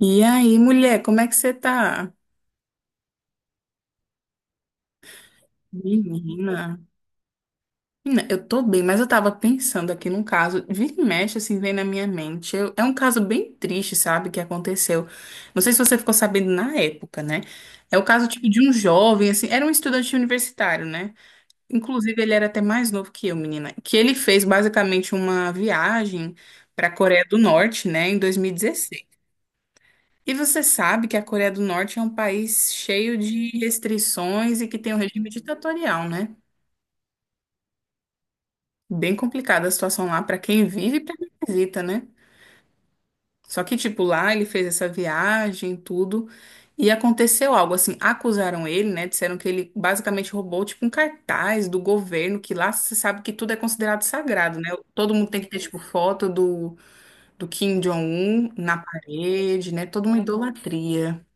E aí, mulher, como é que você tá? Menina. Menina, eu tô bem, mas eu tava pensando aqui num caso, vira e mexe, assim, vem na minha mente. É um caso bem triste, sabe, que aconteceu. Não sei se você ficou sabendo na época, né? É o caso, tipo, de um jovem, assim, era um estudante universitário, né? Inclusive, ele era até mais novo que eu, menina. Que ele fez, basicamente, uma viagem pra Coreia do Norte, né, em 2016. E você sabe que a Coreia do Norte é um país cheio de restrições e que tem um regime ditatorial, né? Bem complicada a situação lá para quem vive e para quem visita, né? Só que, tipo, lá ele fez essa viagem, tudo, e aconteceu algo assim. Acusaram ele, né? Disseram que ele basicamente roubou, tipo, um cartaz do governo, que lá você sabe que tudo é considerado sagrado, né? Todo mundo tem que ter, tipo, foto do Kim Jong-un na parede, né? Toda uma idolatria.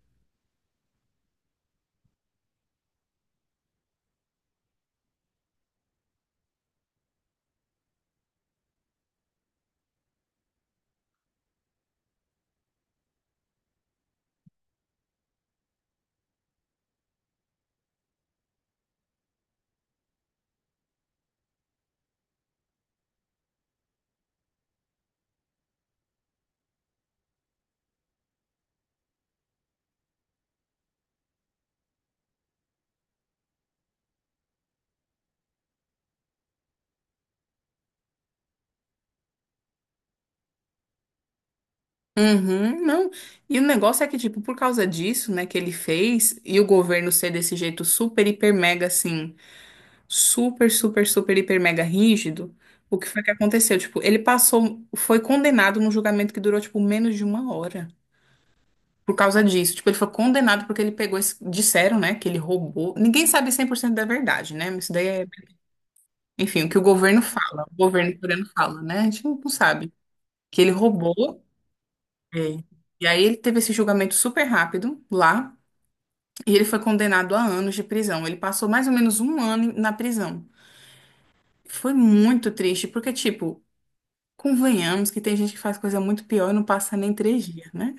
Uhum, não. E o negócio é que, tipo, por causa disso, né, que ele fez, e o governo ser desse jeito super, hiper, mega, assim, super, super, super, hiper, mega rígido, o que foi que aconteceu? Tipo, ele passou, foi condenado num julgamento que durou, tipo, menos de uma hora. Por causa disso. Tipo, ele foi condenado porque ele pegou, disseram, né, que ele roubou. Ninguém sabe 100% da verdade, né? Mas isso daí é, enfim, o que o governo fala, o governo coreano fala, né? A gente não sabe. Que ele roubou. É. E aí ele teve esse julgamento super rápido lá e ele foi condenado a anos de prisão. Ele passou mais ou menos um ano na prisão. Foi muito triste, porque, tipo, convenhamos que tem gente que faz coisa muito pior e não passa nem 3 dias, né?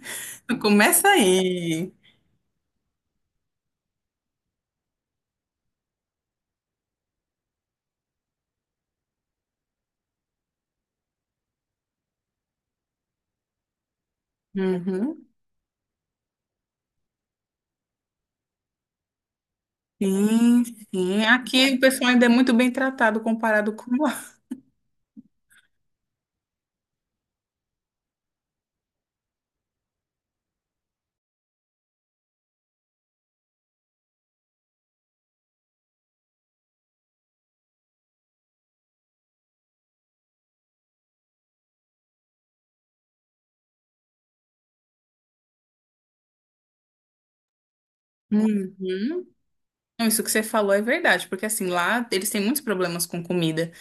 Começa aí. Uhum. Sim, sim. Aqui o pessoal ainda é muito bem tratado comparado com lá. Não, isso que você falou é verdade, porque assim, lá eles têm muitos problemas com comida.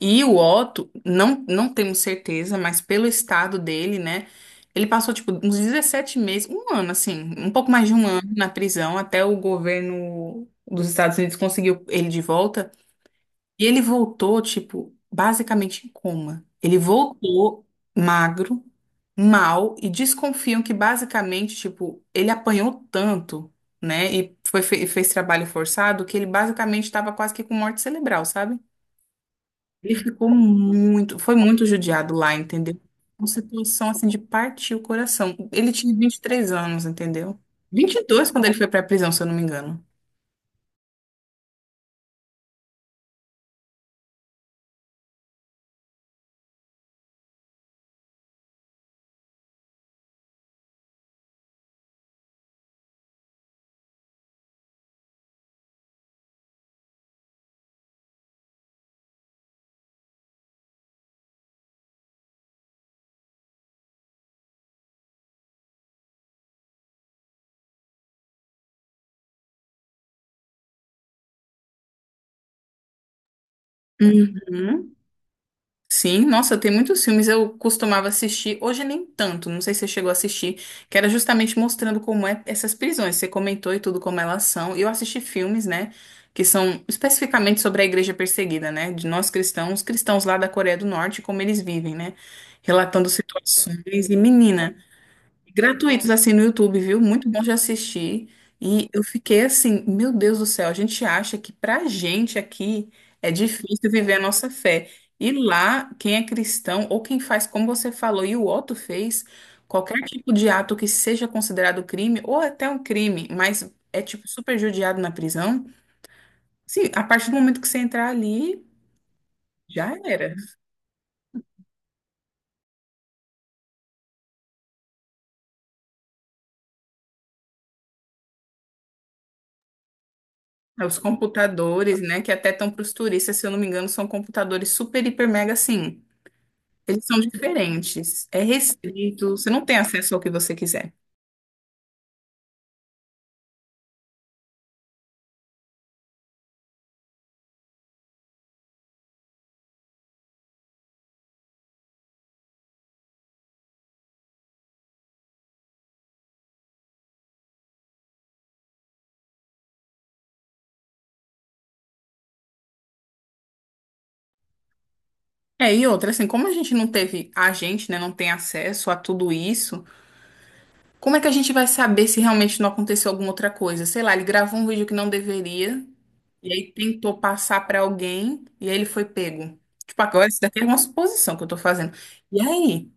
E o Otto, não, não temos certeza, mas pelo estado dele, né? Ele passou, tipo, uns 17 meses, um ano, assim, um pouco mais de um ano na prisão, até o governo dos Estados Unidos conseguiu ele de volta. E ele voltou, tipo, basicamente em coma. Ele voltou magro, mal, e desconfiam que basicamente, tipo, ele apanhou tanto, né? E foi, fez trabalho forçado, que ele basicamente estava quase que com morte cerebral, sabe? Ele ficou muito, foi muito judiado lá, entendeu? Uma situação assim de partir o coração. Ele tinha 23 anos, entendeu? 22 quando ele foi pra prisão, se eu não me engano. Uhum. Sim, nossa, tem muitos filmes eu costumava assistir, hoje nem tanto, não sei se você chegou a assistir, que era justamente mostrando como é essas prisões, você comentou e tudo como elas são. E eu assisti filmes, né, que são especificamente sobre a igreja perseguida, né, de nós cristãos, cristãos lá da Coreia do Norte, como eles vivem, né, relatando situações. E menina, gratuitos assim no YouTube, viu? Muito bom de assistir. E eu fiquei assim, meu Deus do céu, a gente acha que pra gente aqui é difícil viver a nossa fé. E lá, quem é cristão ou quem faz como você falou e o Otto fez, qualquer tipo de ato que seja considerado crime ou até um crime, mas é tipo super judiado na prisão. Sim, a partir do momento que você entrar ali, já era. Os computadores, né, que até estão para os turistas, se eu não me engano, são computadores super, hiper, mega assim. Eles são diferentes, é restrito, você não tem acesso ao que você quiser. É, e outra, assim, como a gente não teve, a gente, né, não tem acesso a tudo isso, como é que a gente vai saber se realmente não aconteceu alguma outra coisa? Sei lá, ele gravou um vídeo que não deveria, e aí tentou passar pra alguém, e aí ele foi pego. Tipo, agora isso daqui é uma suposição que eu tô fazendo. E aí,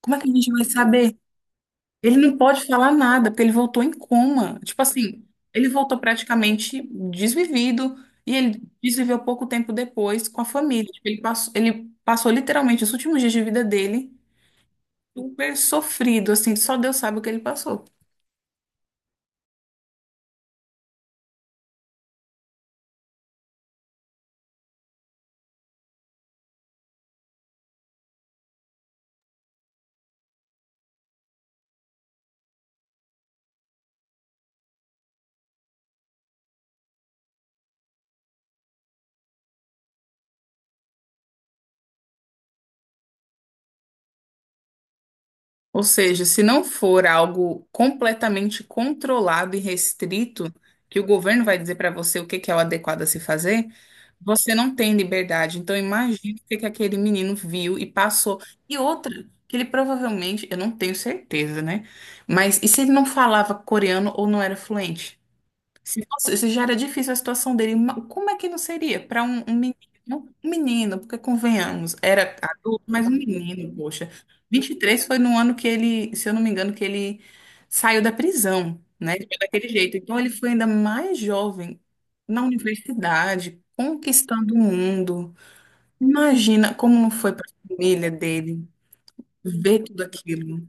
como é que a gente vai saber. Ele não pode falar nada, porque ele voltou em coma. Tipo assim, ele voltou praticamente desvivido e ele desviveu pouco tempo depois com a família. Tipo, ele passou literalmente os últimos dias de vida dele super sofrido, assim, só Deus sabe o que ele passou. Ou seja, se não for algo completamente controlado e restrito, que o governo vai dizer para você o que que é o adequado a se fazer, você não tem liberdade. Então, imagine o que que aquele menino viu e passou. E outra, que ele provavelmente, eu não tenho certeza, né? Mas e se ele não falava coreano ou não era fluente? Se já era difícil a situação dele, como é que não seria para um, menino? Um menino, porque convenhamos, era adulto, mas um menino, poxa. 23 foi no ano que ele, se eu não me engano, que ele saiu da prisão, né? Ele foi daquele jeito. Então ele foi ainda mais jovem na universidade, conquistando o mundo. Imagina como não foi para a família dele ver tudo aquilo.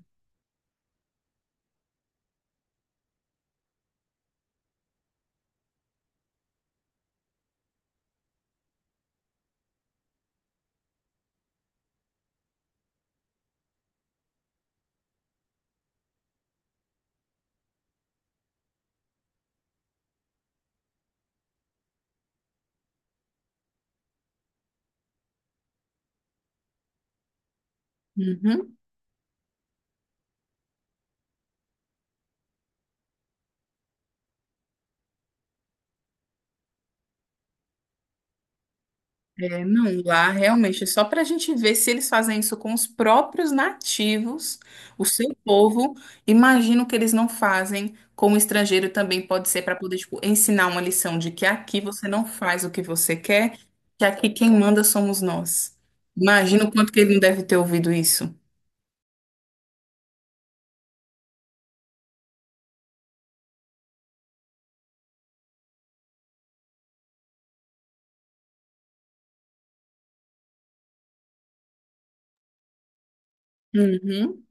Uhum. É, não, lá realmente é só para a gente ver se eles fazem isso com os próprios nativos, o seu povo. Imagino que eles não fazem com o estrangeiro também, pode ser para poder, tipo, ensinar uma lição de que aqui você não faz o que você quer, que aqui quem manda somos nós. Imagino o quanto que ele não deve ter ouvido isso. Uhum.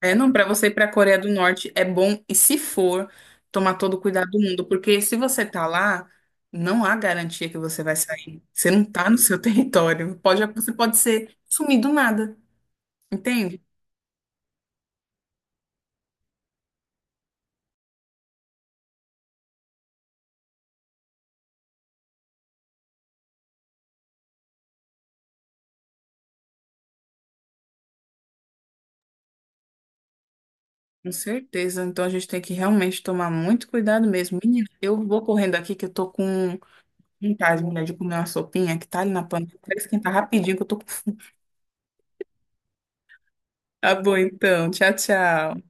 É, não, para você ir para a Coreia do Norte é bom, e se for, tomar todo o cuidado do mundo, porque se você tá lá, não há garantia que você vai sair. Você não tá no seu território. Você pode ser sumido do nada, entende? Com certeza. Então a gente tem que realmente tomar muito cuidado mesmo. Menina, eu vou correndo aqui que eu tô com vontade, mulher, de comer uma sopinha que tá ali na panela. Quero esquentar rapidinho que eu tô com. Tá bom, então. Tchau, tchau.